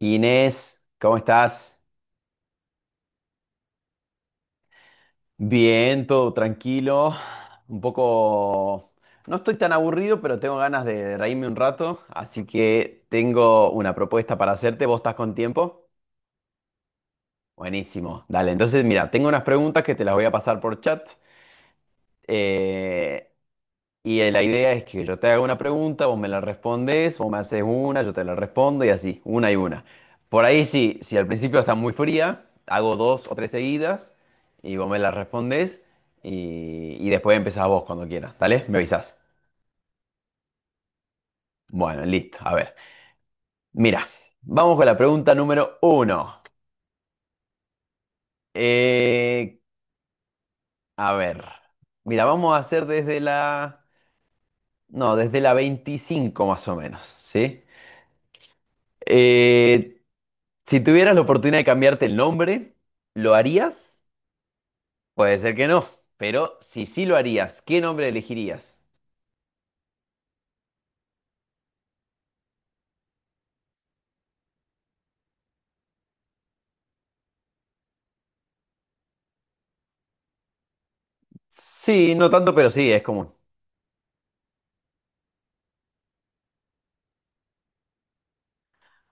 Inés, ¿cómo estás? Bien, todo tranquilo. Un poco. No estoy tan aburrido, pero tengo ganas de reírme un rato, así que tengo una propuesta para hacerte. ¿Vos estás con tiempo? Buenísimo. Dale, entonces mira, tengo unas preguntas que te las voy a pasar por chat. Eh, Y la idea es que yo te haga una pregunta, vos me la respondes, vos me haces una, yo te la respondo y así, una y una. Por ahí sí, si al principio está muy fría, hago dos o tres seguidas y vos me la respondes y después empezás vos cuando quieras, ¿dale? Me avisás. Bueno, listo, a ver. Mira, vamos con la pregunta número uno. Eh, a ver, mira, vamos a hacer desde la, no, desde la 25 más o menos, ¿sí? Eh, Si tuvieras la oportunidad de cambiarte el nombre, ¿lo harías? Puede ser que no, pero si sí lo harías, ¿qué nombre elegirías? Sí, no tanto, pero sí, es común.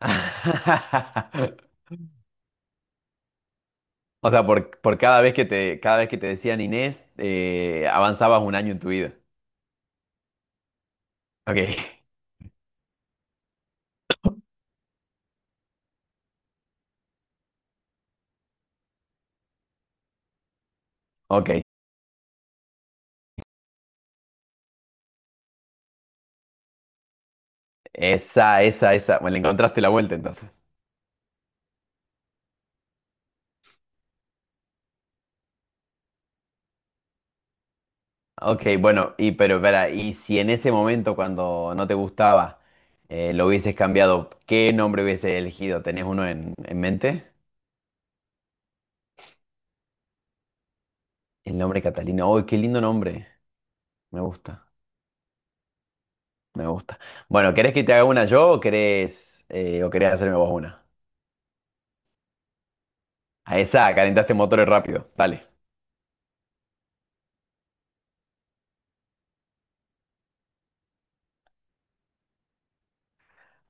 O sea, por cada vez que te decían Inés, avanzabas un año en tu vida. Ok, ok. Esa, esa, esa. Bueno, le encontraste la vuelta entonces. Ok, bueno, y pero espera, y si en ese momento cuando no te gustaba, lo hubieses cambiado, ¿qué nombre hubieses elegido? ¿Tenés uno en mente? El nombre Catalina. Uy, qué lindo nombre. Me gusta, me gusta. Bueno, ¿querés que te haga una yo o querés hacerme vos una? A esa, calentaste motores rápido. Dale.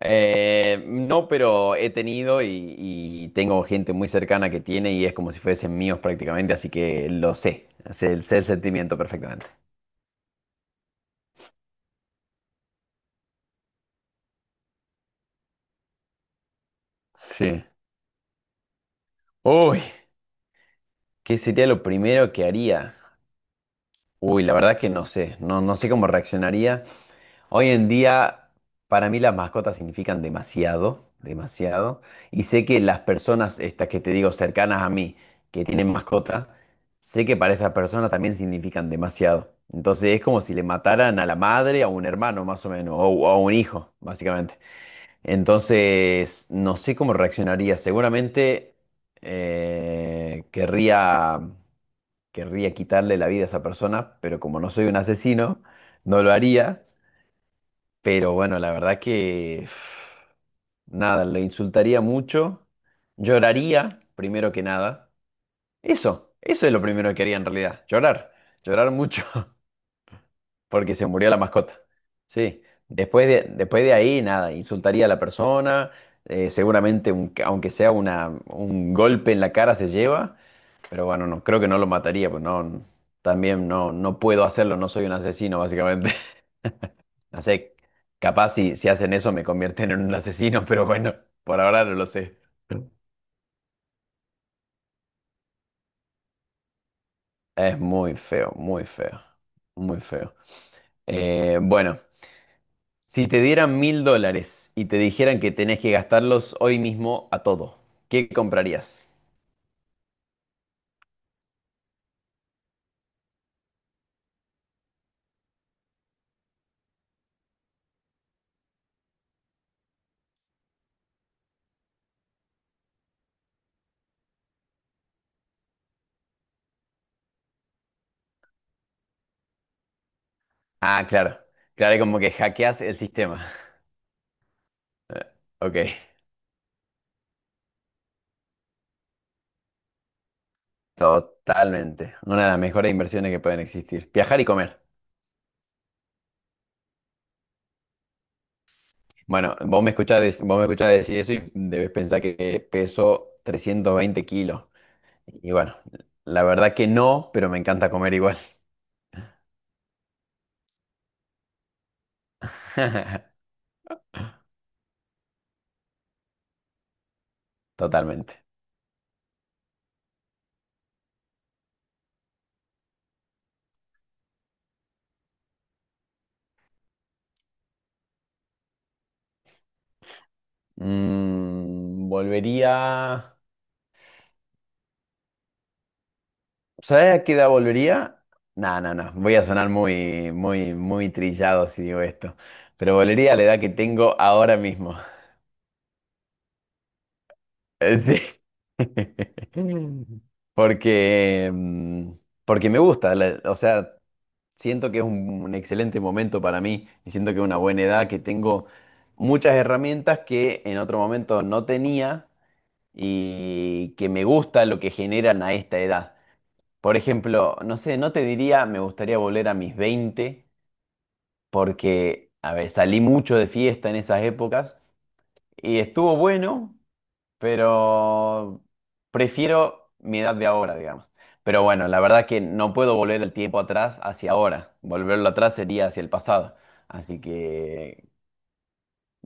No, pero he tenido y tengo gente muy cercana que tiene y es como si fuesen míos prácticamente, así que lo sé. Sé el sentimiento perfectamente. Sí. Uy, ¿qué sería lo primero que haría? Uy, la verdad que no sé. No, no sé cómo reaccionaría. Hoy en día, para mí las mascotas significan demasiado, demasiado. Y sé que las personas, estas que te digo, cercanas a mí, que tienen mascota, sé que para esas personas también significan demasiado. Entonces es como si le mataran a la madre, a un hermano más o menos, o a un hijo, básicamente. Entonces, no sé cómo reaccionaría. Seguramente eh, querría, querría quitarle la vida a esa persona, pero como no soy un asesino, no lo haría. Pero bueno, la verdad que nada, lo insultaría mucho, lloraría primero que nada. Eso es lo primero que haría en realidad, llorar, llorar mucho, porque se murió la mascota. Sí, después de ahí nada, insultaría a la persona, seguramente aunque sea un golpe en la cara se lleva, pero bueno, no, creo que no lo mataría, pues no, también no, no puedo hacerlo, no soy un asesino básicamente. No sé, capaz si hacen eso me convierten en un asesino, pero bueno, por ahora no lo sé. Es muy feo, muy feo, muy feo. Bueno, si te dieran 1.000 dólares y te dijeran que tenés que gastarlos hoy mismo a todo, ¿qué comprarías? Ah, claro, claro, es como que hackeas el sistema. Eh, Ok, totalmente. Una de las mejores inversiones que pueden existir. Viajar y comer. Bueno, vos me escuchás decir eso y debes pensar que peso 320 kilos. Y bueno, la verdad que no, pero me encanta comer igual. Totalmente. Volvería. ¿Sabes a qué edad volvería? No, no, no. Voy a sonar muy, muy, muy trillado si digo esto. Pero volvería a la edad que tengo ahora mismo. Sí. Porque, mm, Porque me gusta. O sea, siento que es un excelente momento para mí y siento que es una buena edad, que tengo muchas herramientas que en otro momento no tenía y que me gusta lo que generan a esta edad. Por ejemplo, no sé, no te diría me gustaría volver a mis 20 porque, a ver, salí mucho de fiesta en esas épocas y estuvo bueno, pero prefiero mi edad de ahora, digamos. Pero bueno, la verdad que no puedo volver el tiempo atrás hacia ahora. Volverlo atrás sería hacia el pasado. Así que,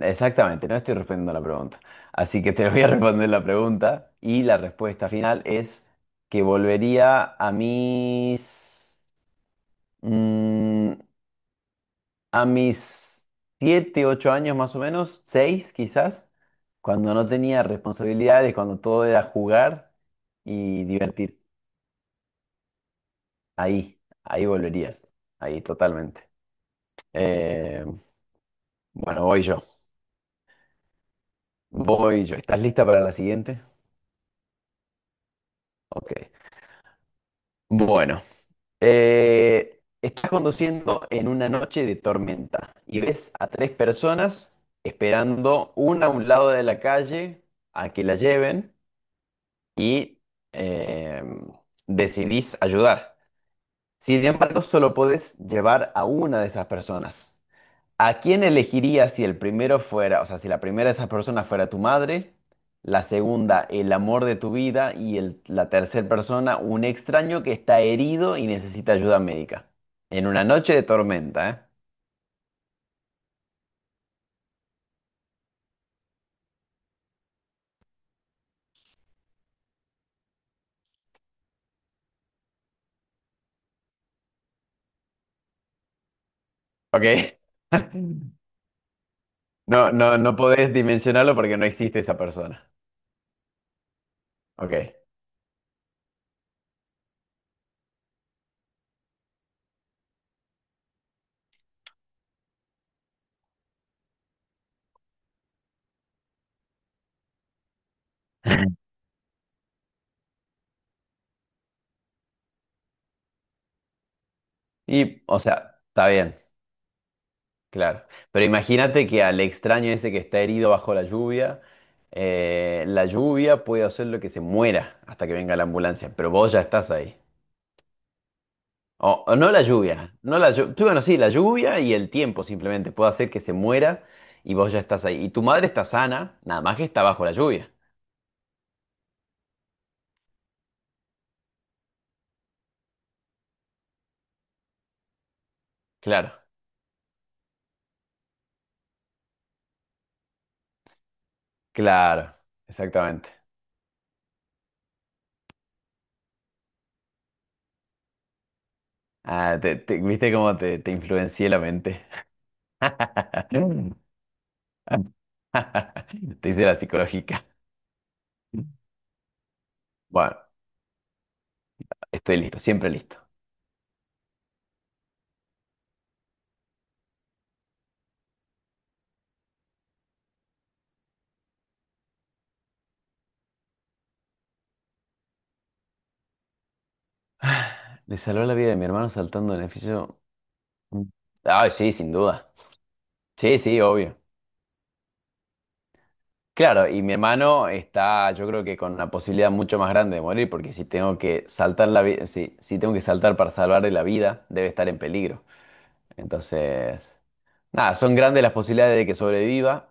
exactamente, no estoy respondiendo la pregunta. Así que te voy a responder la pregunta y la respuesta final es que volvería a mm, a mis 7, 8 años más o menos, 6 quizás, cuando no tenía responsabilidades, cuando todo era jugar y divertir. Ahí, ahí volvería, ahí totalmente. Eh, bueno, voy yo, voy yo. ¿Estás lista para la siguiente? Ok. Bueno, estás conduciendo en una noche de tormenta y ves a tres personas esperando una a un lado de la calle a que la lleven y, eh, decidís ayudar. Sin embargo, solo podés llevar a una de esas personas. ¿A quién elegirías si el primero fuera, o sea, si la primera de esas personas fuera tu madre, la segunda, el amor de tu vida y la tercera persona, un extraño que está herido y necesita ayuda médica? En una noche de tormenta, ¿eh? Ok. No, no, no podés dimensionarlo porque no existe esa persona. Ok. Y, o sea, está bien. Claro, pero imagínate que al extraño ese que está herido bajo la lluvia puede hacerlo que se muera hasta que venga la ambulancia, pero vos ya estás ahí. O no la lluvia, no la lluvia, bueno, sí, la lluvia y el tiempo simplemente puede hacer que se muera y vos ya estás ahí. Y tu madre está sana, nada más que está bajo la lluvia. Claro, claro, exactamente. Ah, ¿viste cómo te influencié la mente? Te hice la psicológica. Bueno, estoy listo, siempre listo. Le salvó la vida de mi hermano saltando del edificio. Mm. Ay, sí, sin duda. Sí, sí, obvio. Claro, y mi hermano está, yo creo que con una posibilidad mucho más grande de morir, porque si tengo que saltar la vida, si tengo que saltar para salvarle la vida, debe estar en peligro. Entonces, nada, son grandes las posibilidades de que sobreviva,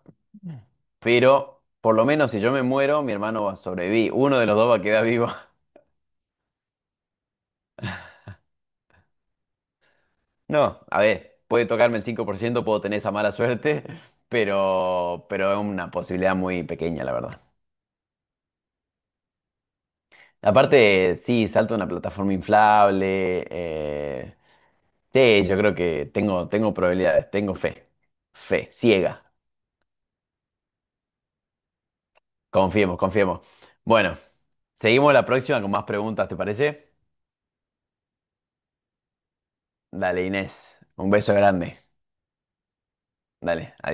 pero por lo menos si yo me muero, mi hermano va a sobrevivir. Uno de los dos va a quedar vivo. No, a ver, puede tocarme el 5%, puedo tener esa mala suerte, pero es una posibilidad muy pequeña, la verdad. Aparte, sí, salto a una plataforma inflable. Sí, yo creo que tengo, probabilidades, tengo fe. Fe, ciega. Confiemos, confiemos. Bueno, seguimos la próxima con más preguntas, ¿te parece? Dale, Inés, un beso grande. Dale, adiós.